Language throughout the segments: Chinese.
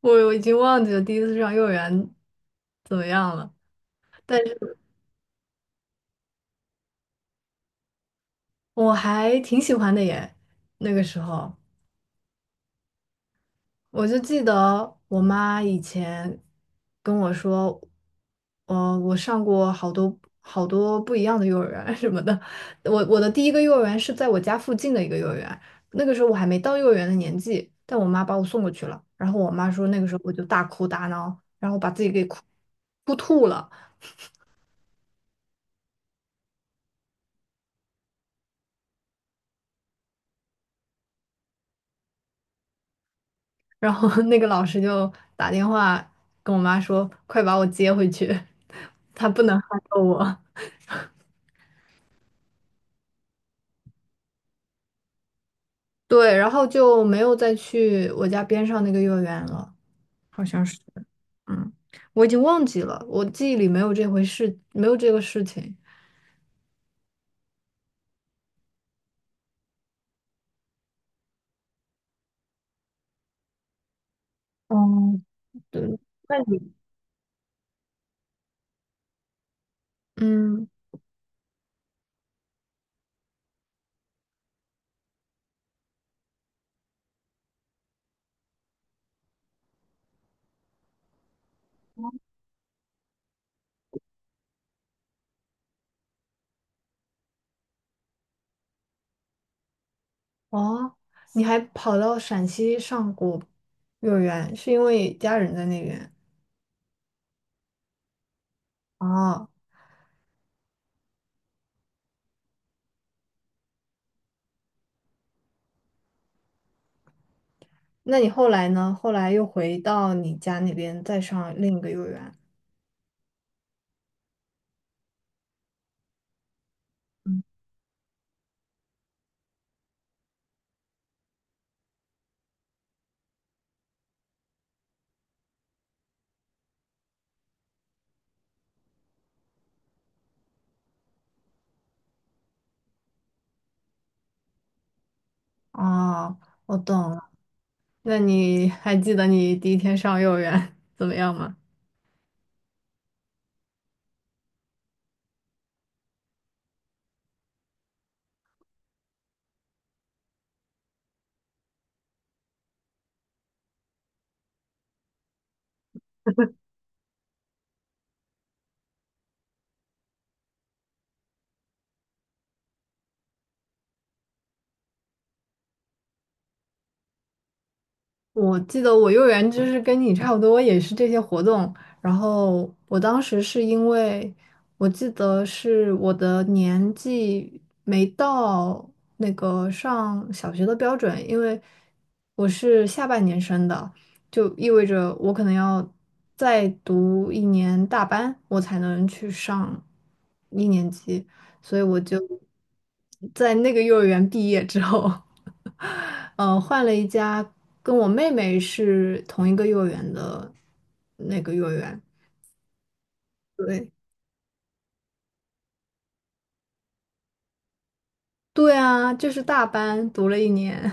我已经忘记了第一次上幼儿园怎么样了，但是我还挺喜欢的耶。那个时候，我就记得我妈以前跟我说，我上过好多好多不一样的幼儿园 什么的。我的第一个幼儿园是在我家附近的一个幼儿园，那个时候我还没到幼儿园的年纪，但我妈把我送过去了。然后我妈说，那个时候我就大哭大闹，然后把自己给哭吐了。然后那个老师就打电话跟我妈说，快把我接回去，他不能害到我。对，然后就没有再去我家边上那个幼儿园了，好像是，嗯，我已经忘记了，我记忆里没有这回事，没有这个事情。嗯，对，那你，嗯，哦，你还跑到陕西上过幼儿园，是因为家人在那边？哦。那你后来呢？后来又回到你家那边再上另一个幼儿园。哦，我懂了。那你还记得你第一天上幼儿园 怎么样吗？我记得我幼儿园就是跟你差不多，也是这些活动。然后我当时是因为，我记得是我的年纪没到那个上小学的标准，因为我是下半年生的，就意味着我可能要再读一年大班，我才能去上一年级。所以我就在那个幼儿园毕业之后，换了一家跟我妹妹是同一个幼儿园的那个幼儿园。对，对啊，就是大班读了一年。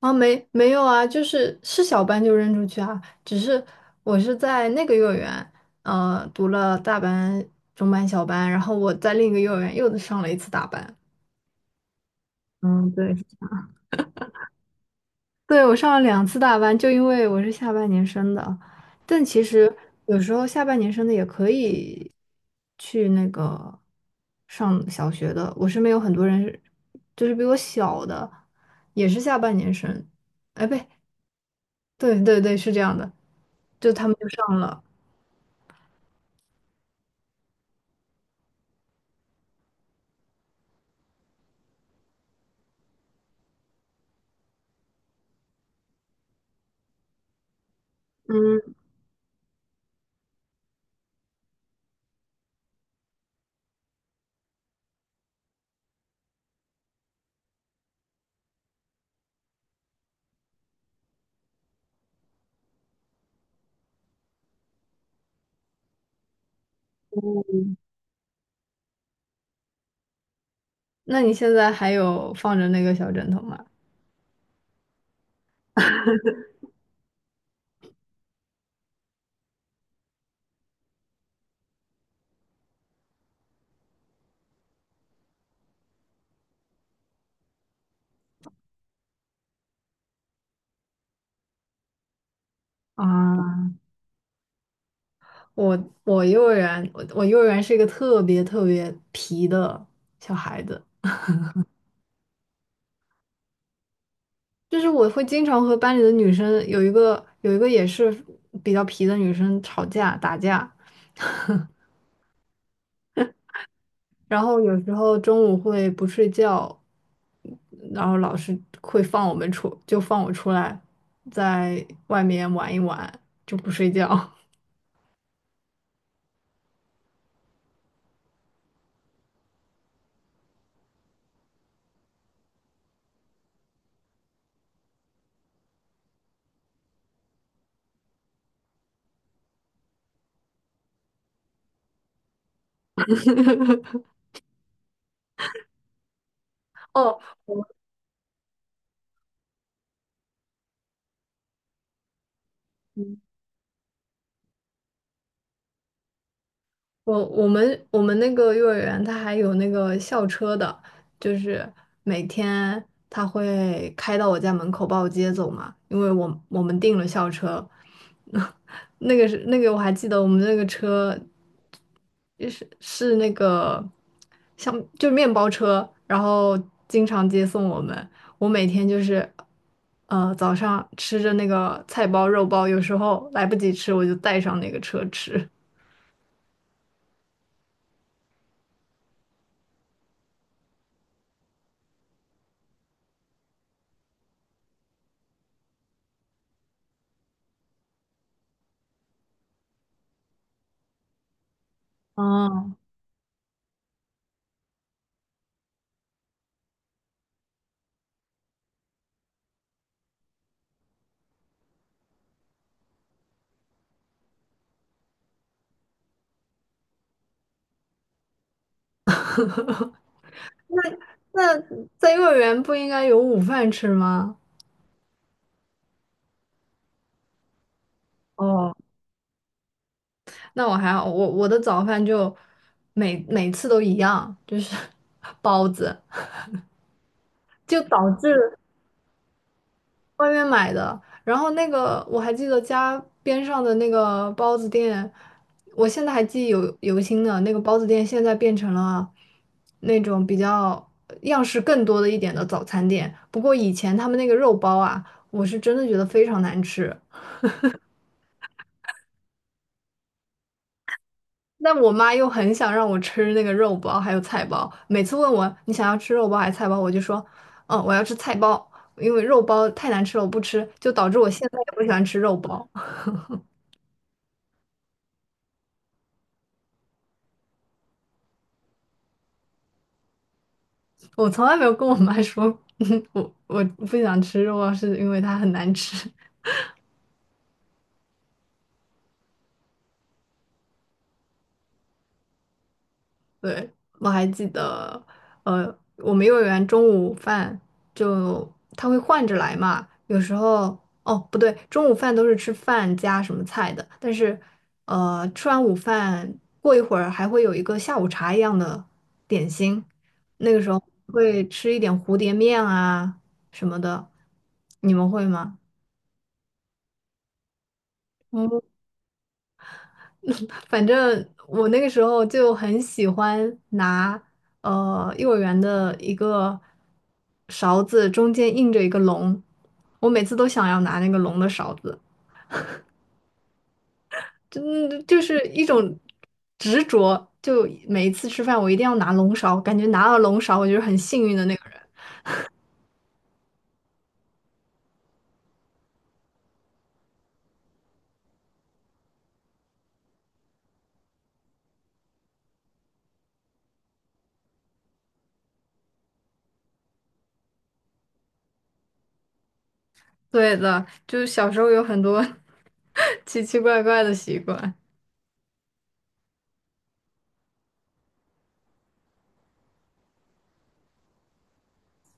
啊，没没有啊，就是小班就扔出去啊，只是我是在那个幼儿园，读了大班、中班、小班，然后我在另一个幼儿园又上了一次大班。嗯，对。对，我上了两次大班，就因为我是下半年生的。但其实有时候下半年生的也可以去那个上小学的。我身边有很多人是，就是比我小的，也是下半年生。哎，不对，对对，是这样的，就他们就上了。嗯，那你现在还有放着那个小枕头吗？啊，我幼儿园，我幼儿园是一个特别特别皮的小孩子。就是我会经常和班里的女生有一个也是比较皮的女生吵架打架，然后有时候中午会不睡觉，然后老师会放我们出，就放我出来，在外面玩一玩，就不睡觉。哦，我我们那个幼儿园，它还有那个校车的，就是每天它会开到我家门口把我接走嘛，因为我们订了校车，那个是那个我还记得我们那个车就是那个像就是面包车，然后经常接送我们。我每天就是早上吃着那个菜包肉包，有时候来不及吃，我就带上那个车吃。哦，那在幼儿园不应该有午饭吃吗？哦，那我还好，我的早饭就每每次都一样，就是 包子，就导致外面买的。然后那个我还记得家边上的那个包子店，我现在还记忆犹新呢。那个包子店现在变成了那种比较样式更多的一点的早餐店。不过以前他们那个肉包啊，我是真的觉得非常难吃。但我妈又很想让我吃那个肉包还有菜包，每次问我你想要吃肉包还是菜包，我就说，嗯，我要吃菜包，因为肉包太难吃了，我不吃，就导致我现在也不喜欢吃肉包。我从来没有跟我妈说，我不想吃肉包，是因为它很难吃。对，我还记得，呃，我们幼儿园中午饭就他会换着来嘛，有时候哦不对，中午饭都是吃饭加什么菜的，但是吃完午饭过一会儿还会有一个下午茶一样的点心，那个时候会吃一点蝴蝶面啊什么的，你们会吗？反正我那个时候就很喜欢拿幼儿园的一个勺子，中间印着一个龙，我每次都想要拿那个龙的勺子，真就是一种执着。就每一次吃饭，我一定要拿龙勺，感觉拿了龙勺，我就是很幸运的那个人。对的，就是小时候有很多 奇奇怪怪的习惯。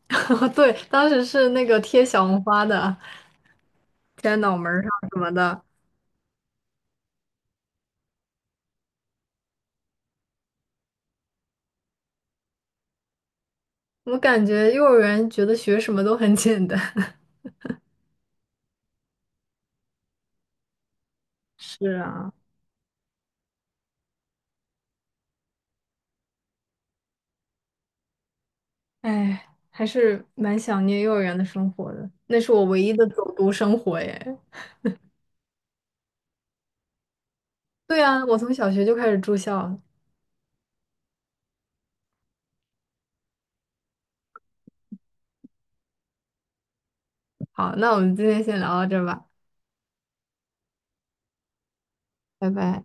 对，当时是那个贴小红花的，贴在脑门儿上什么的。我感觉幼儿园觉得学什么都很简单。是啊，哎，还是蛮想念幼儿园的生活的，那是我唯一的走读生活耶。对啊，我从小学就开始住校了。好，那我们今天先聊到这儿吧，拜拜。